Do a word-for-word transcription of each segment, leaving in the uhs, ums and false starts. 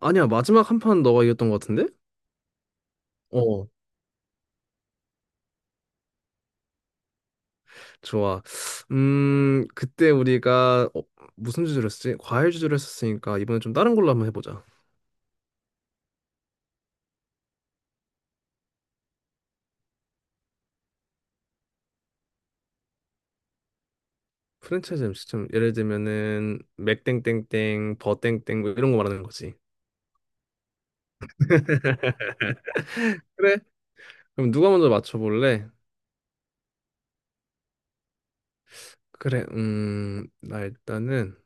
아니야, 마지막 한 판 너가 이겼던 것 같은데? 어, 좋아. 음, 그때 우리가 어, 무슨 주제로 했었지? 과일 주제로 했었으니까 이번에 좀 다른 걸로 한번 해보자. 프랜차이즈 음식점 예를 들면은 맥땡땡땡, 버땡땡 뭐 이런 거 말하는 거지. 그래? 그럼 누가 먼저 맞춰볼래? 그래, 음, 나 일단은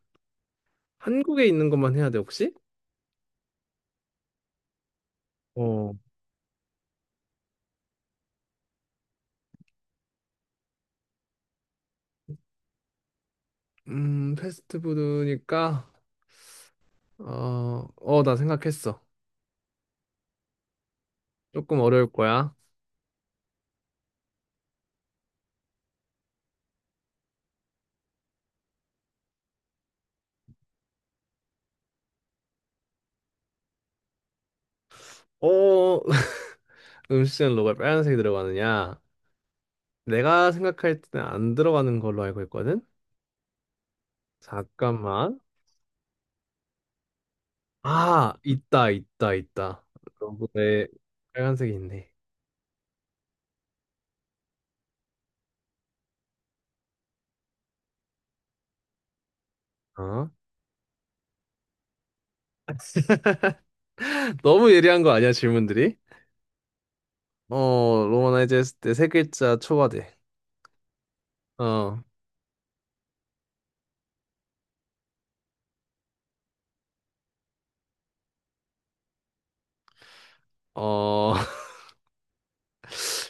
한국에 있는 것만 해야 돼, 혹시? 어. 음, 패스트푸드니까, 어, 어, 나 생각했어. 조금 어려울 거야. 어, 음식점 로고에 빨간색이 들어가느냐? 내가 생각할 때는 안 들어가는 걸로 알고 있거든? 잠깐만. 아, 있다, 있다, 있다. 로고에 빨간색이 있네. 어? 너무 예리한 거 아니야, 질문들이? 어, 로마나이즈 했을 때 세 글자 초과돼. 어, 어.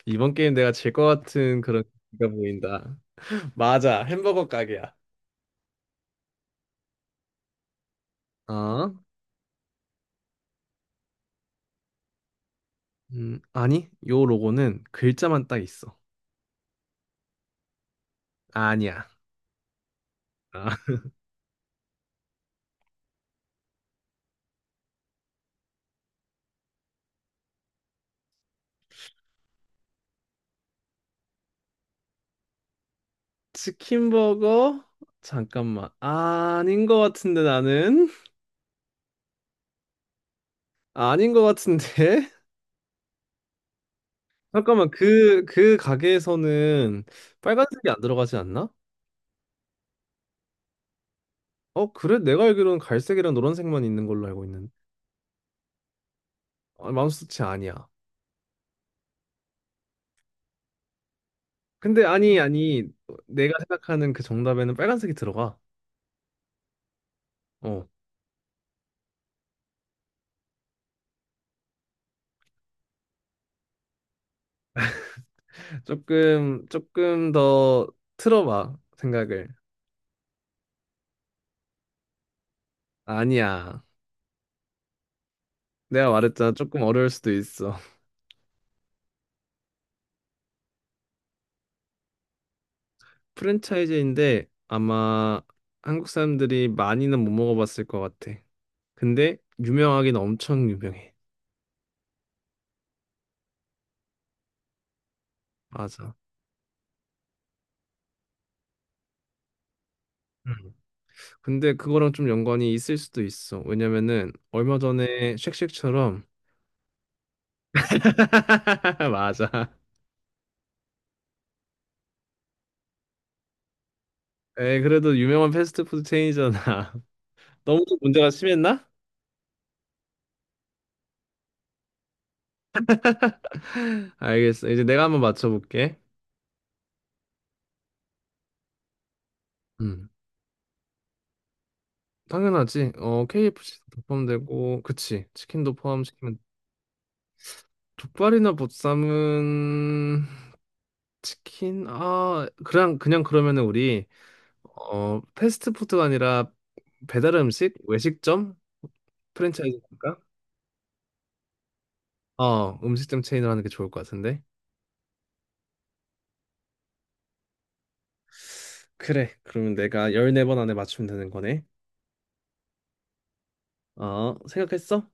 이번 게임 내가 질 것 같은 그런 기가 보인다. 맞아, 햄버거 가게야. 어? 음, 아니, 요 로고는 글자만 딱 있어. 아니야. 아, 치킨 버거? 잠깐만. 아닌 것 같은데 나는? 아닌 것 같은데? 잠깐만, 그 그 가게에서는 빨간색이 안 들어가지 않나? 어, 그래? 내가 알기로는 갈색이랑 노란색만 있는 걸로 알고 있는데. 아, 맘스터치 아니야. 근데, 아니, 아니, 내가 생각하는 그 정답에는 빨간색이 들어가. 어, 조금 조금 더 틀어봐, 생각을. 아니야. 내가 말했잖아, 조금 어려울 수도 있어. 프랜차이즈인데 아마 한국 사람들이 많이는 못 먹어봤을 것 같아. 근데 유명하긴 엄청 유명해. 맞아. 음. 근데 그거랑 좀 연관이 있을 수도 있어. 왜냐면은 얼마 전에 쉑쉑처럼. 맞아. 에 그래도 유명한 패스트푸드 체인이잖아. 너무 좀 문제가 심했나? 알겠어. 이제 내가 한번 맞춰볼게. 음. 당연하지. 어, 케이에프씨도 포함되고, 그치. 치킨도 포함시키면 족발이나 보쌈은 치킨? 아, 그냥 그냥 그러면은 우리, 어 패스트푸드가 아니라 배달 음식, 외식점 프랜차이즈 할까? 어, 음식점 체인을 하는 게 좋을 것 같은데. 그래. 그러면 내가 열네 번 안에 맞추면 되는 거네. 어, 생각했어?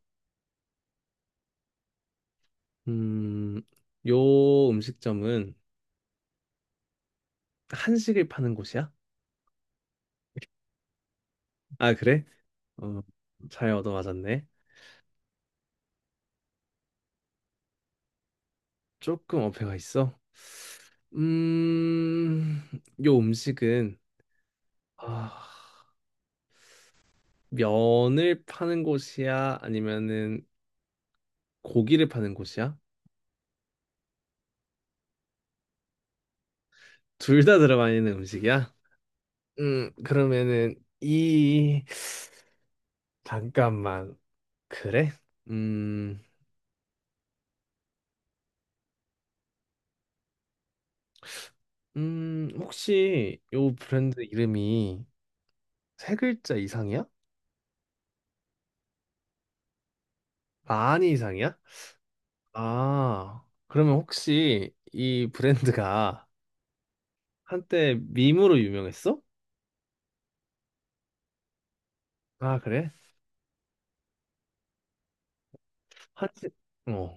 음, 요 음식점은 한식을 파는 곳이야? 아, 그래? 어, 잘 얻어맞았네. 조금 어폐가 있어? 음, 요 음식은, 아, 면을 파는 곳이야? 아니면은 고기를 파는 곳이야? 둘 다 들어가 있는 음식이야? 음, 그러면은, 이 잠깐만. 그래? 음, 음, 혹시 요 브랜드 이름이 세 글자 이상이야? 많이 이상이야? 아, 그러면 혹시 이 브랜드가 한때 밈으로 유명했어? 아, 그래? 한시, 어.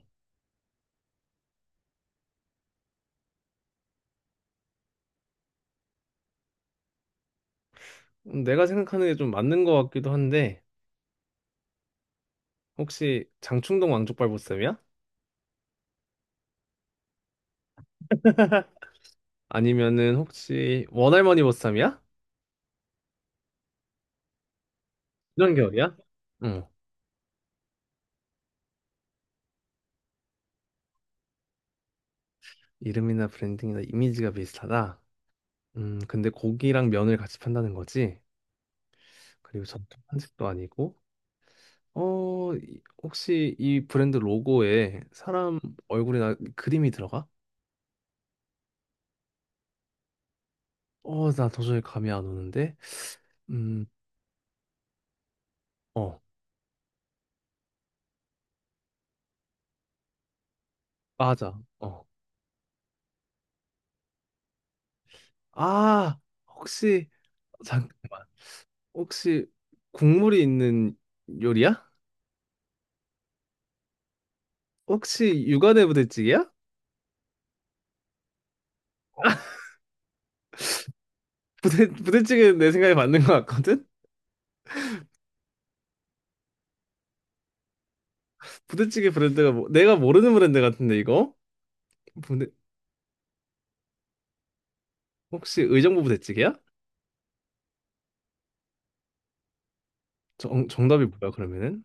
내가 생각하는 게 좀 맞는 것 같기도 한데, 혹시 장충동 왕족발보쌈이야? 아니면은 혹시 원할머니 보쌈이야? 이런 계열이야? 응. 이름이나 브랜딩이나 이미지가 비슷하다. 음, 근데 고기랑 면을 같이 판다는 거지? 그리고 전통 한식도 아니고, 어, 이- 혹시 이 브랜드 로고에 사람 얼굴이나 그림이 들어가? 어, 나 도저히 감이 안 오는데? 음, 어, 맞아. 어. 아, 혹시 잠깐만. 혹시 국물이 있는 요리야? 혹시 육안의 부대찌개야? 부대 부대찌개는 내 생각에 맞는 것 같거든. 부대찌개 브랜드가, 뭐, 내가 모르는 브랜드 같은데 이거? 부대 혹시 의정부 부대찌개야? 정 정답이 뭐야, 그러면은?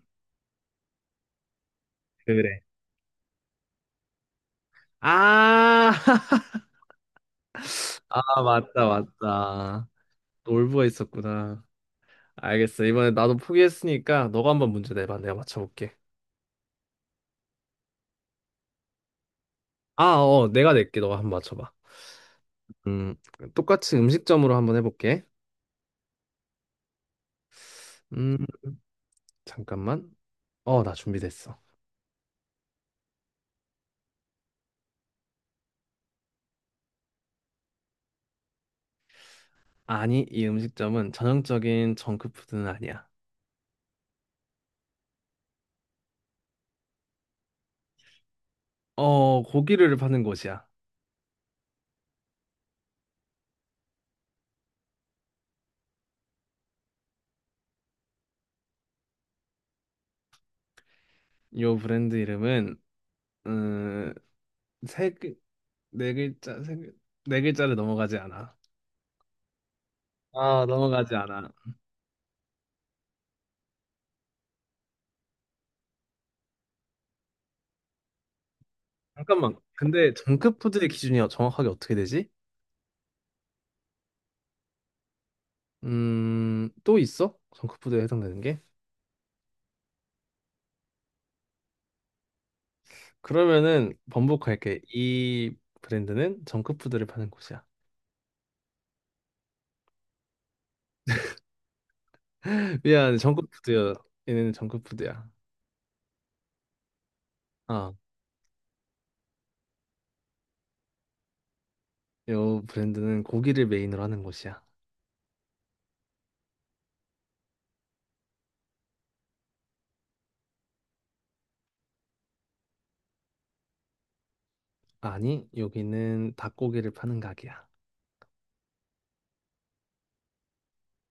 그래. 아, 아, 맞다, 맞다. 놀부가 있었구나. 알겠어. 이번에 나도 포기했으니까 너가 한번 문제 내봐. 내가 맞춰볼게. 아, 어, 내가 낼게. 너가 한번 맞춰봐. 음, 똑같이 음식점으로 한번 해볼게. 음, 잠깐만. 어, 나 준비됐어. 아니, 이 음식점은 전형적인 정크푸드는 아니야. 어, 고기를 파는 곳이야. 요 브랜드 이름은 음, 세, 글- 네 글자, 세, 글- 네 글자를 넘어가지 않아. 아, 넘어가지 않아. 잠깐만. 근데 정크푸드의 기준이 정확하게 어떻게 되지? 음, 또 있어? 정크푸드에 해당되는 게? 그러면은 번복할게. 이 브랜드는 정크푸드를 파는 곳이야. 미안, 정크푸드야. 얘네는 정크푸드야. 아, 요 브랜드는 고기를 메인으로 하는 곳이야. 아니, 여기는 닭고기를 파는 가게야.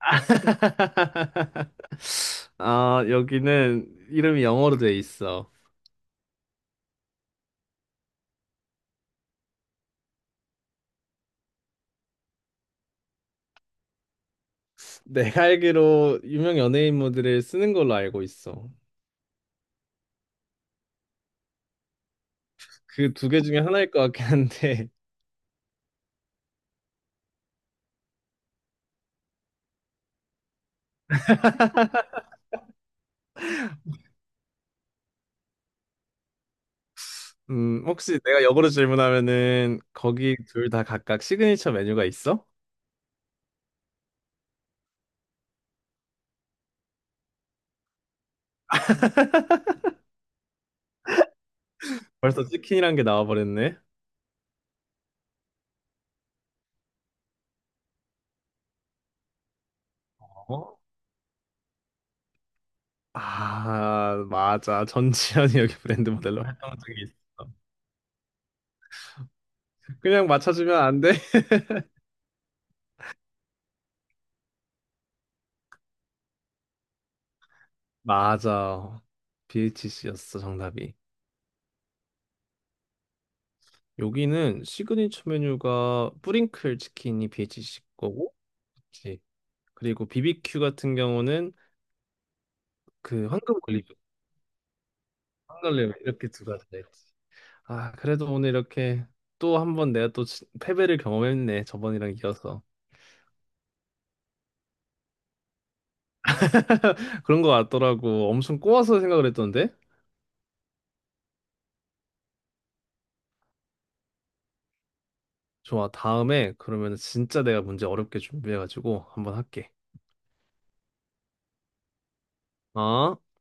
아, 여기는 이름이 영어로 돼 있어. 내가 알기로 유명 연예인 모들을 쓰는 걸로 알고 있어. 그 두 개 중에 하나일 것 같긴 한데. 음, 혹시 내가 역으로 질문하면은 거기 둘 다 각각 시그니처 메뉴가 있어? 벌써 치킨이란 게 나와버렸네. 어? 아, 맞아. 전지현이 여기 브랜드 모델로 활동한 적이 있어. 그냥 맞춰주면 안 돼? 맞아. 비에이치씨였어, 정답이. 여기는 시그니처 메뉴가 뿌링클 치킨이 비에이치씨 거고, 그치. 그리고 비비큐 같은 경우는 그 황금 올리브, 황리브 이렇게 두 가지가 있지. 아, 그래도 오늘 이렇게 또 한번 내가 또 진- 패배를 경험했네. 저번이랑 이어서. 그런 거 같더라고. 엄청 꼬아서 생각을 했던데? 좋아. 다음에 그러면 진짜 내가 문제 어렵게 준비해가지고 한번 할게. 어?